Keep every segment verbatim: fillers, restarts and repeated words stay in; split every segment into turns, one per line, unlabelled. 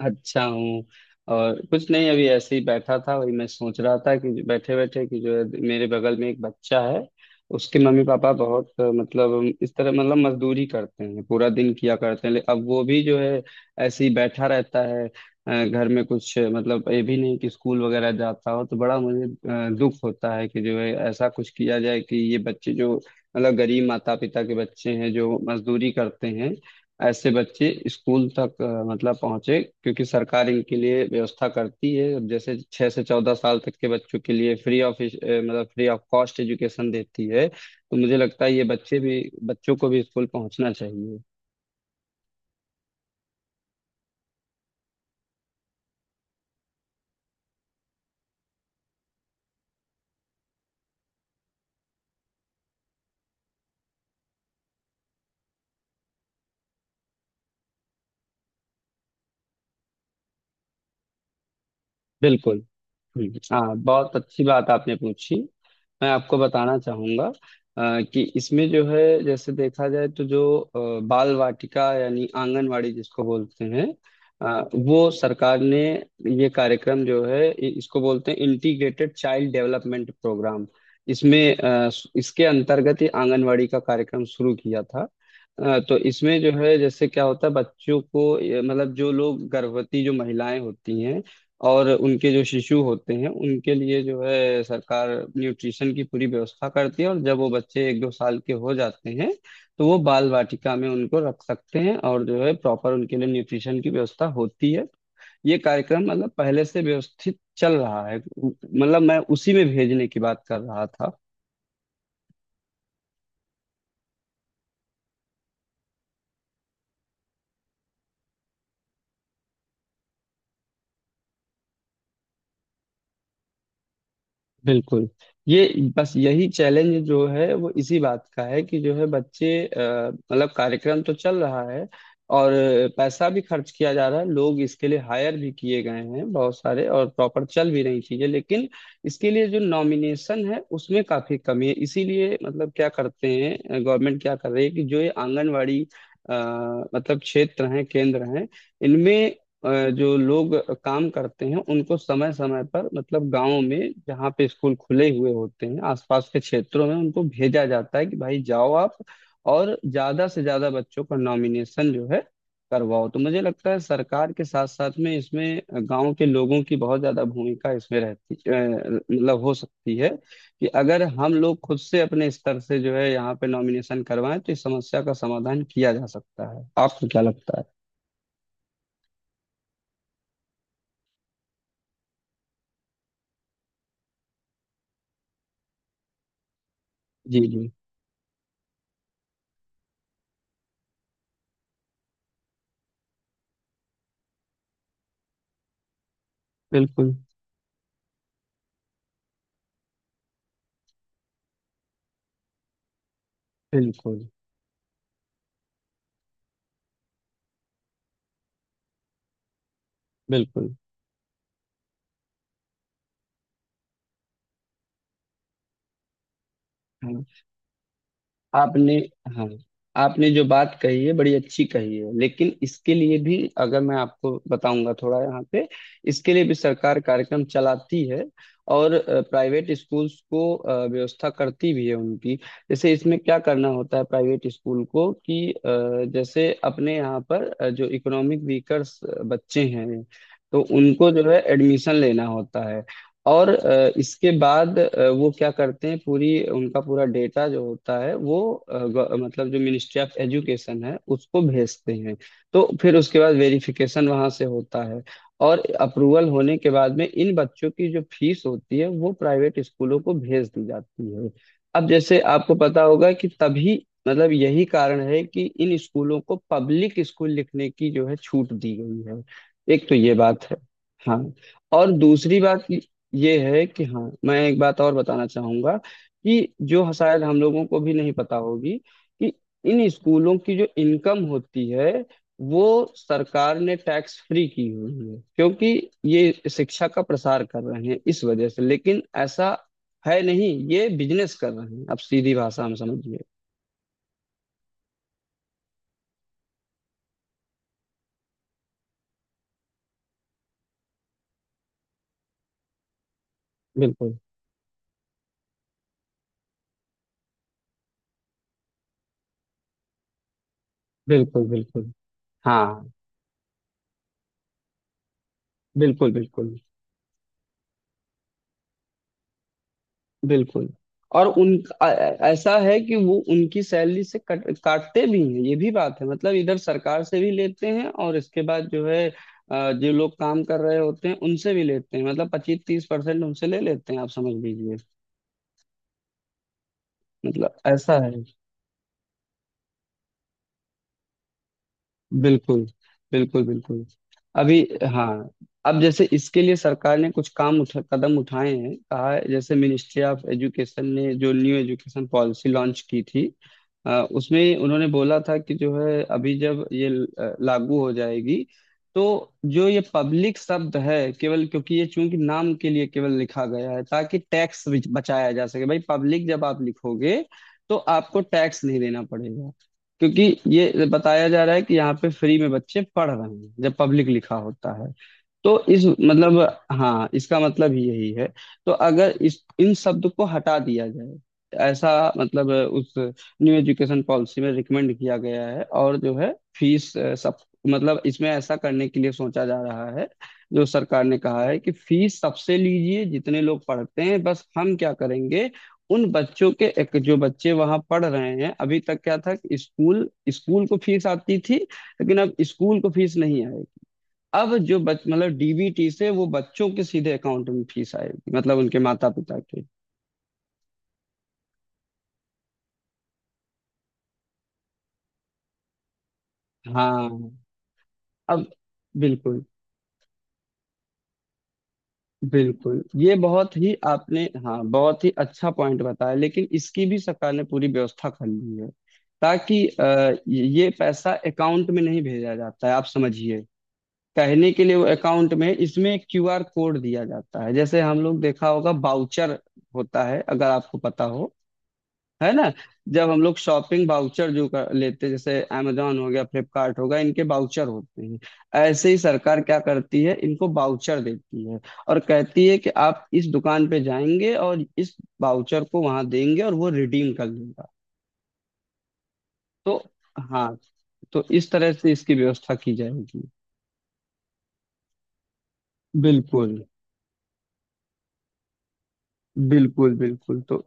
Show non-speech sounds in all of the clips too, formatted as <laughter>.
अच्छा हूँ। और कुछ नहीं, अभी ऐसे ही बैठा था। वही मैं सोच रहा था कि बैठे बैठे, कि जो है, मेरे बगल में एक बच्चा है। उसके मम्मी पापा बहुत अ, मतलब इस तरह मतलब मजदूरी करते हैं, पूरा दिन किया करते हैं। ले- अब वो भी जो है ऐसे ही बैठा रहता है। अ, घर में कुछ अ, मतलब ये भी नहीं कि स्कूल वगैरह जाता हो, तो बड़ा मुझे अ, दुख होता है कि जो है, ऐसा कुछ किया जाए कि ये बच्चे जो मतलब गरीब माता पिता के बच्चे हैं, जो मजदूरी करते हैं, ऐसे बच्चे स्कूल तक अ, मतलब पहुंचे। क्योंकि सरकार इनके लिए व्यवस्था करती है। अब जैसे छह से चौदह साल तक के बच्चों के लिए फ्री ऑफ मतलब फ्री ऑफ कॉस्ट एजुकेशन देती है। तो मुझे लगता है ये बच्चे भी बच्चों को भी स्कूल पहुंचना चाहिए। बिल्कुल। हम्म, हाँ, बहुत अच्छी बात आपने पूछी। मैं आपको बताना चाहूंगा अ, कि इसमें जो है, जैसे देखा जाए, तो जो अ, बाल वाटिका यानी आंगनवाड़ी जिसको बोलते हैं, अ, वो सरकार ने ये कार्यक्रम जो है, इ- इसको बोलते हैं इंटीग्रेटेड चाइल्ड डेवलपमेंट प्रोग्राम। इसमें अ, इसके अंतर्गत ही आंगनवाड़ी का कार्यक्रम शुरू किया था। अ, तो इसमें जो है, जैसे क्या होता है, बच्चों को ये, मतलब जो लोग गर्भवती, जो महिलाएं होती हैं और उनके जो शिशु होते हैं, उनके लिए जो है सरकार न्यूट्रिशन की पूरी व्यवस्था करती है। और जब वो बच्चे एक दो साल के हो जाते हैं, तो वो बाल वाटिका में उनको रख सकते हैं और जो है प्रॉपर उनके लिए न्यूट्रिशन की व्यवस्था होती है। ये कार्यक्रम मतलब पहले से व्यवस्थित चल रहा है, मतलब मैं उसी में भेजने की बात कर रहा था। बिल्कुल। ये बस यही चैलेंज जो है, वो इसी बात का है कि जो है बच्चे अ, मतलब कार्यक्रम तो चल रहा है और पैसा भी खर्च किया जा रहा है, लोग इसके लिए हायर भी किए गए हैं बहुत सारे, और प्रॉपर चल भी रही चीजें, लेकिन इसके लिए जो नॉमिनेशन है उसमें काफी कमी है। इसीलिए मतलब क्या करते हैं, गवर्नमेंट क्या कर रही है, कि जो ये आंगनवाड़ी अ, मतलब क्षेत्र हैं, केंद्र हैं, इनमें अ, जो लोग काम करते हैं, उनको समय समय पर, मतलब गांव में जहाँ पे स्कूल खुले हुए होते हैं, आसपास के क्षेत्रों में उनको भेजा जाता है कि भाई जाओ आप, और ज्यादा से ज्यादा बच्चों का नॉमिनेशन जो है करवाओ। तो मुझे लगता है सरकार के साथ साथ में इसमें गांव के लोगों की बहुत ज्यादा भूमिका इसमें रहती अ, मतलब हो सकती है। कि अगर हम लोग खुद से अपने स्तर से जो है यहाँ पे नॉमिनेशन करवाएं, तो इस समस्या का समाधान किया जा सकता है। आपको क्या लगता है? जी जी। बिल्कुल बिल्कुल बिल्कुल। हाँ, आपने हाँ आपने जो बात कही है बड़ी अच्छी कही है, लेकिन इसके लिए भी अगर मैं आपको बताऊंगा, थोड़ा यहाँ पे इसके लिए भी सरकार कार्यक्रम चलाती है और प्राइवेट स्कूल्स को अ, व्यवस्था करती भी है उनकी। जैसे इसमें क्या करना होता है प्राइवेट स्कूल को कि अ, जैसे अपने यहाँ पर अ, जो इकोनॉमिक वीकर्स बच्चे हैं, तो उनको जो है एडमिशन लेना होता है। और अ, इसके बाद अ, वो क्या करते हैं, पूरी उनका पूरा डेटा जो होता है, वो अ, ग- मतलब जो मिनिस्ट्री ऑफ एजुकेशन है, उसको भेजते हैं। तो फिर उसके बाद वेरिफिकेशन वहां से होता है और अप्रूवल होने के बाद में इन बच्चों की जो फीस होती है, वो प्राइवेट स्कूलों को भेज दी जाती है। अब जैसे आपको पता होगा कि तभी मतलब यही कारण है कि इन स्कूलों को पब्लिक स्कूल लिखने की जो है छूट दी गई है। एक तो ये बात है। हाँ, और दूसरी बात ये है कि हाँ, मैं एक बात और बताना चाहूंगा कि जो शायद हम लोगों को भी नहीं पता होगी कि इन स्कूलों की जो इनकम होती है वो सरकार ने टैक्स फ्री की हुई है, क्योंकि ये शिक्षा का प्रसार कर रहे हैं। इस वजह से, लेकिन ऐसा है नहीं, ये बिजनेस कर रहे हैं, आप सीधी भाषा में समझिए। बिल्कुल बिल्कुल बिल्कुल। हाँ। बिल्कुल बिल्कुल बिल्कुल। और उन आ- ऐसा है कि वो उनकी सैलरी से कट, काटते भी हैं, ये भी बात है, मतलब इधर सरकार से भी लेते हैं और इसके बाद जो है अ, जो लोग काम कर रहे होते हैं उनसे भी लेते हैं, मतलब पच्चीस तीस परसेंट उनसे ले लेते हैं, आप समझ लीजिए। मतलब ऐसा है। बिल्कुल बिल्कुल बिल्कुल। अभी, हाँ, अब जैसे इसके लिए सरकार ने कुछ काम उठा कदम उठाए हैं, कहा है, जैसे मिनिस्ट्री ऑफ एजुकेशन ने जो न्यू एजुकेशन पॉलिसी लॉन्च की थी, अ, उसमें उन्होंने बोला था कि जो है, अभी जब ये अ, लागू हो जाएगी, तो जो ये पब्लिक शब्द है केवल, क्योंकि ये चूंकि नाम के लिए केवल लिखा गया है ताकि टैक्स बचाया जा सके। भाई पब्लिक जब आप लिखोगे, तो आपको टैक्स नहीं देना पड़ेगा, क्योंकि ये बताया जा रहा है कि यहाँ पे फ्री में बच्चे पढ़ रहे हैं जब पब्लिक लिखा होता है, तो इस मतलब। हाँ, इसका मतलब ही यही है। तो अगर इस इन शब्द को हटा दिया जाए, ऐसा मतलब उस न्यू एजुकेशन पॉलिसी में रिकमेंड किया गया है। और जो है फीस अ, सब मतलब इसमें ऐसा करने के लिए सोचा जा रहा है। जो सरकार ने कहा है कि फीस सबसे लीजिए जितने लोग पढ़ते हैं, बस हम क्या करेंगे उन बच्चों के, एक जो बच्चे वहां पढ़ रहे हैं, अभी तक क्या था कि स्कूल स्कूल को फीस आती थी, लेकिन अब स्कूल को फीस नहीं। अब जो बच मतलब डीबीटी से वो बच्चों के सीधे अकाउंट में फीस आएगी, मतलब उनके माता पिता के। हाँ। अब बिल्कुल बिल्कुल, ये बहुत ही, आपने हाँ बहुत ही अच्छा पॉइंट बताया, लेकिन इसकी भी सरकार ने पूरी व्यवस्था कर ली है ताकि अ, ये पैसा अकाउंट में नहीं भेजा जाता है, आप समझिए। कहने के लिए वो अकाउंट में, इसमें एक क्यूआर कोड दिया जाता है, जैसे हम लोग देखा होगा बाउचर होता है, अगर आपको पता हो। है ना। जब हम लोग शॉपिंग बाउचर जो कर लेते हैं, जैसे amazon हो गया, फ्लिपकार्ट हो गया, इनके बाउचर होते हैं, ऐसे ही सरकार क्या करती है, इनको बाउचर देती है और कहती है कि आप इस दुकान पे जाएंगे और इस बाउचर को वहां देंगे और वो रिडीम कर लेगा। तो हाँ, तो इस तरह से इसकी व्यवस्था की जाएगी। बिल्कुल बिल्कुल बिल्कुल। तो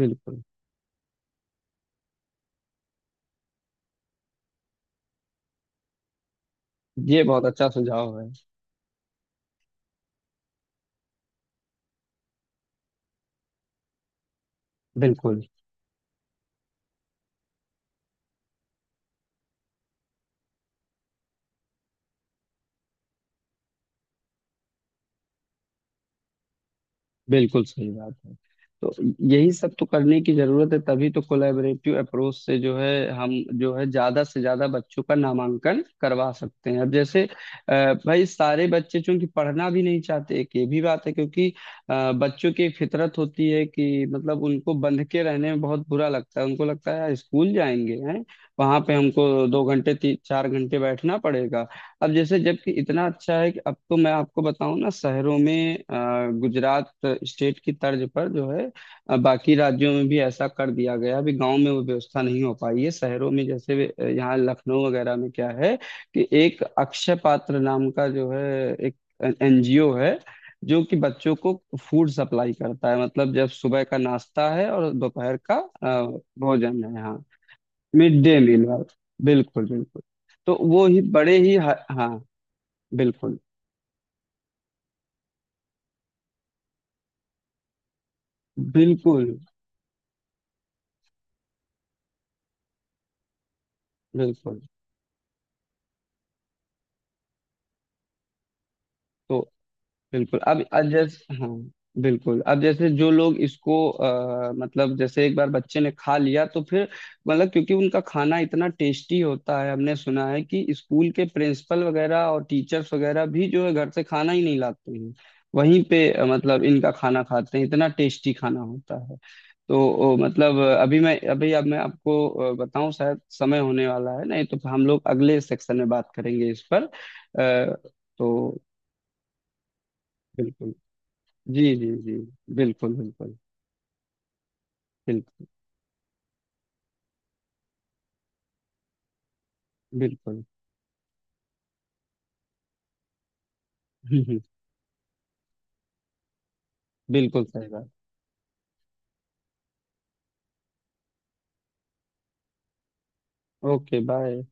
बिल्कुल, ये बहुत अच्छा सुझाव है। बिल्कुल, बिल्कुल सही बात है। तो यही सब तो करने की जरूरत है, तभी तो कोलैबोरेटिव अप्रोच से जो है हम जो है ज्यादा से ज्यादा बच्चों का नामांकन करवा सकते हैं। अब जैसे अ, भाई सारे बच्चे चूंकि पढ़ना भी नहीं चाहते, एक ये भी बात है, क्योंकि अ, बच्चों की एक फितरत होती है कि मतलब उनको बंध के रहने में बहुत बुरा लगता है, उनको लगता है यार स्कूल जाएंगे हैं, वहां पे हमको दो घंटे तीन चार घंटे बैठना पड़ेगा। अब जैसे, जबकि इतना अच्छा है कि अब तो मैं आपको बताऊं ना, शहरों में अ, गुजरात स्टेट की तर्ज पर जो है अ, बाकी राज्यों में भी ऐसा कर दिया गया। अभी गांव में वो व्यवस्था नहीं हो पाई है, शहरों में जैसे अ, यहाँ लखनऊ वगैरह में क्या है कि एक अक्षय पात्र नाम का जो है, एक एनजीओ है जो कि बच्चों को फूड सप्लाई करता है, मतलब जब सुबह का नाश्ता है और दोपहर का अ, भोजन है। हाँ। Mid day meal. बिल्कुल बिल्कुल। तो वो ही बड़े ही। हाँ, बिल्कुल बिल्कुल बिल्कुल। तो बिल्कुल, अब अब जैसे, हाँ, बिल्कुल, अब जैसे जो लोग इसको आ, मतलब, जैसे एक बार बच्चे ने खा लिया तो फिर मतलब क्योंकि उनका खाना इतना टेस्टी होता है, हमने सुना है कि स्कूल के प्रिंसिपल वगैरह और टीचर्स वगैरह भी जो है घर से खाना ही नहीं लाते हैं, वहीं पे अ, मतलब इनका खाना खाते हैं, इतना टेस्टी खाना होता है। तो ओ, मतलब अभी मैं अभी अब मैं आपको अ, बताऊं, शायद समय होने वाला है, नहीं तो हम लोग अगले सेक्शन में बात करेंगे इस पर अ, तो बिल्कुल। जी जी जी। बिल्कुल बिल्कुल बिल्कुल। बिल्कुल <laughs> बिल्कुल सही बात। Okay, bye.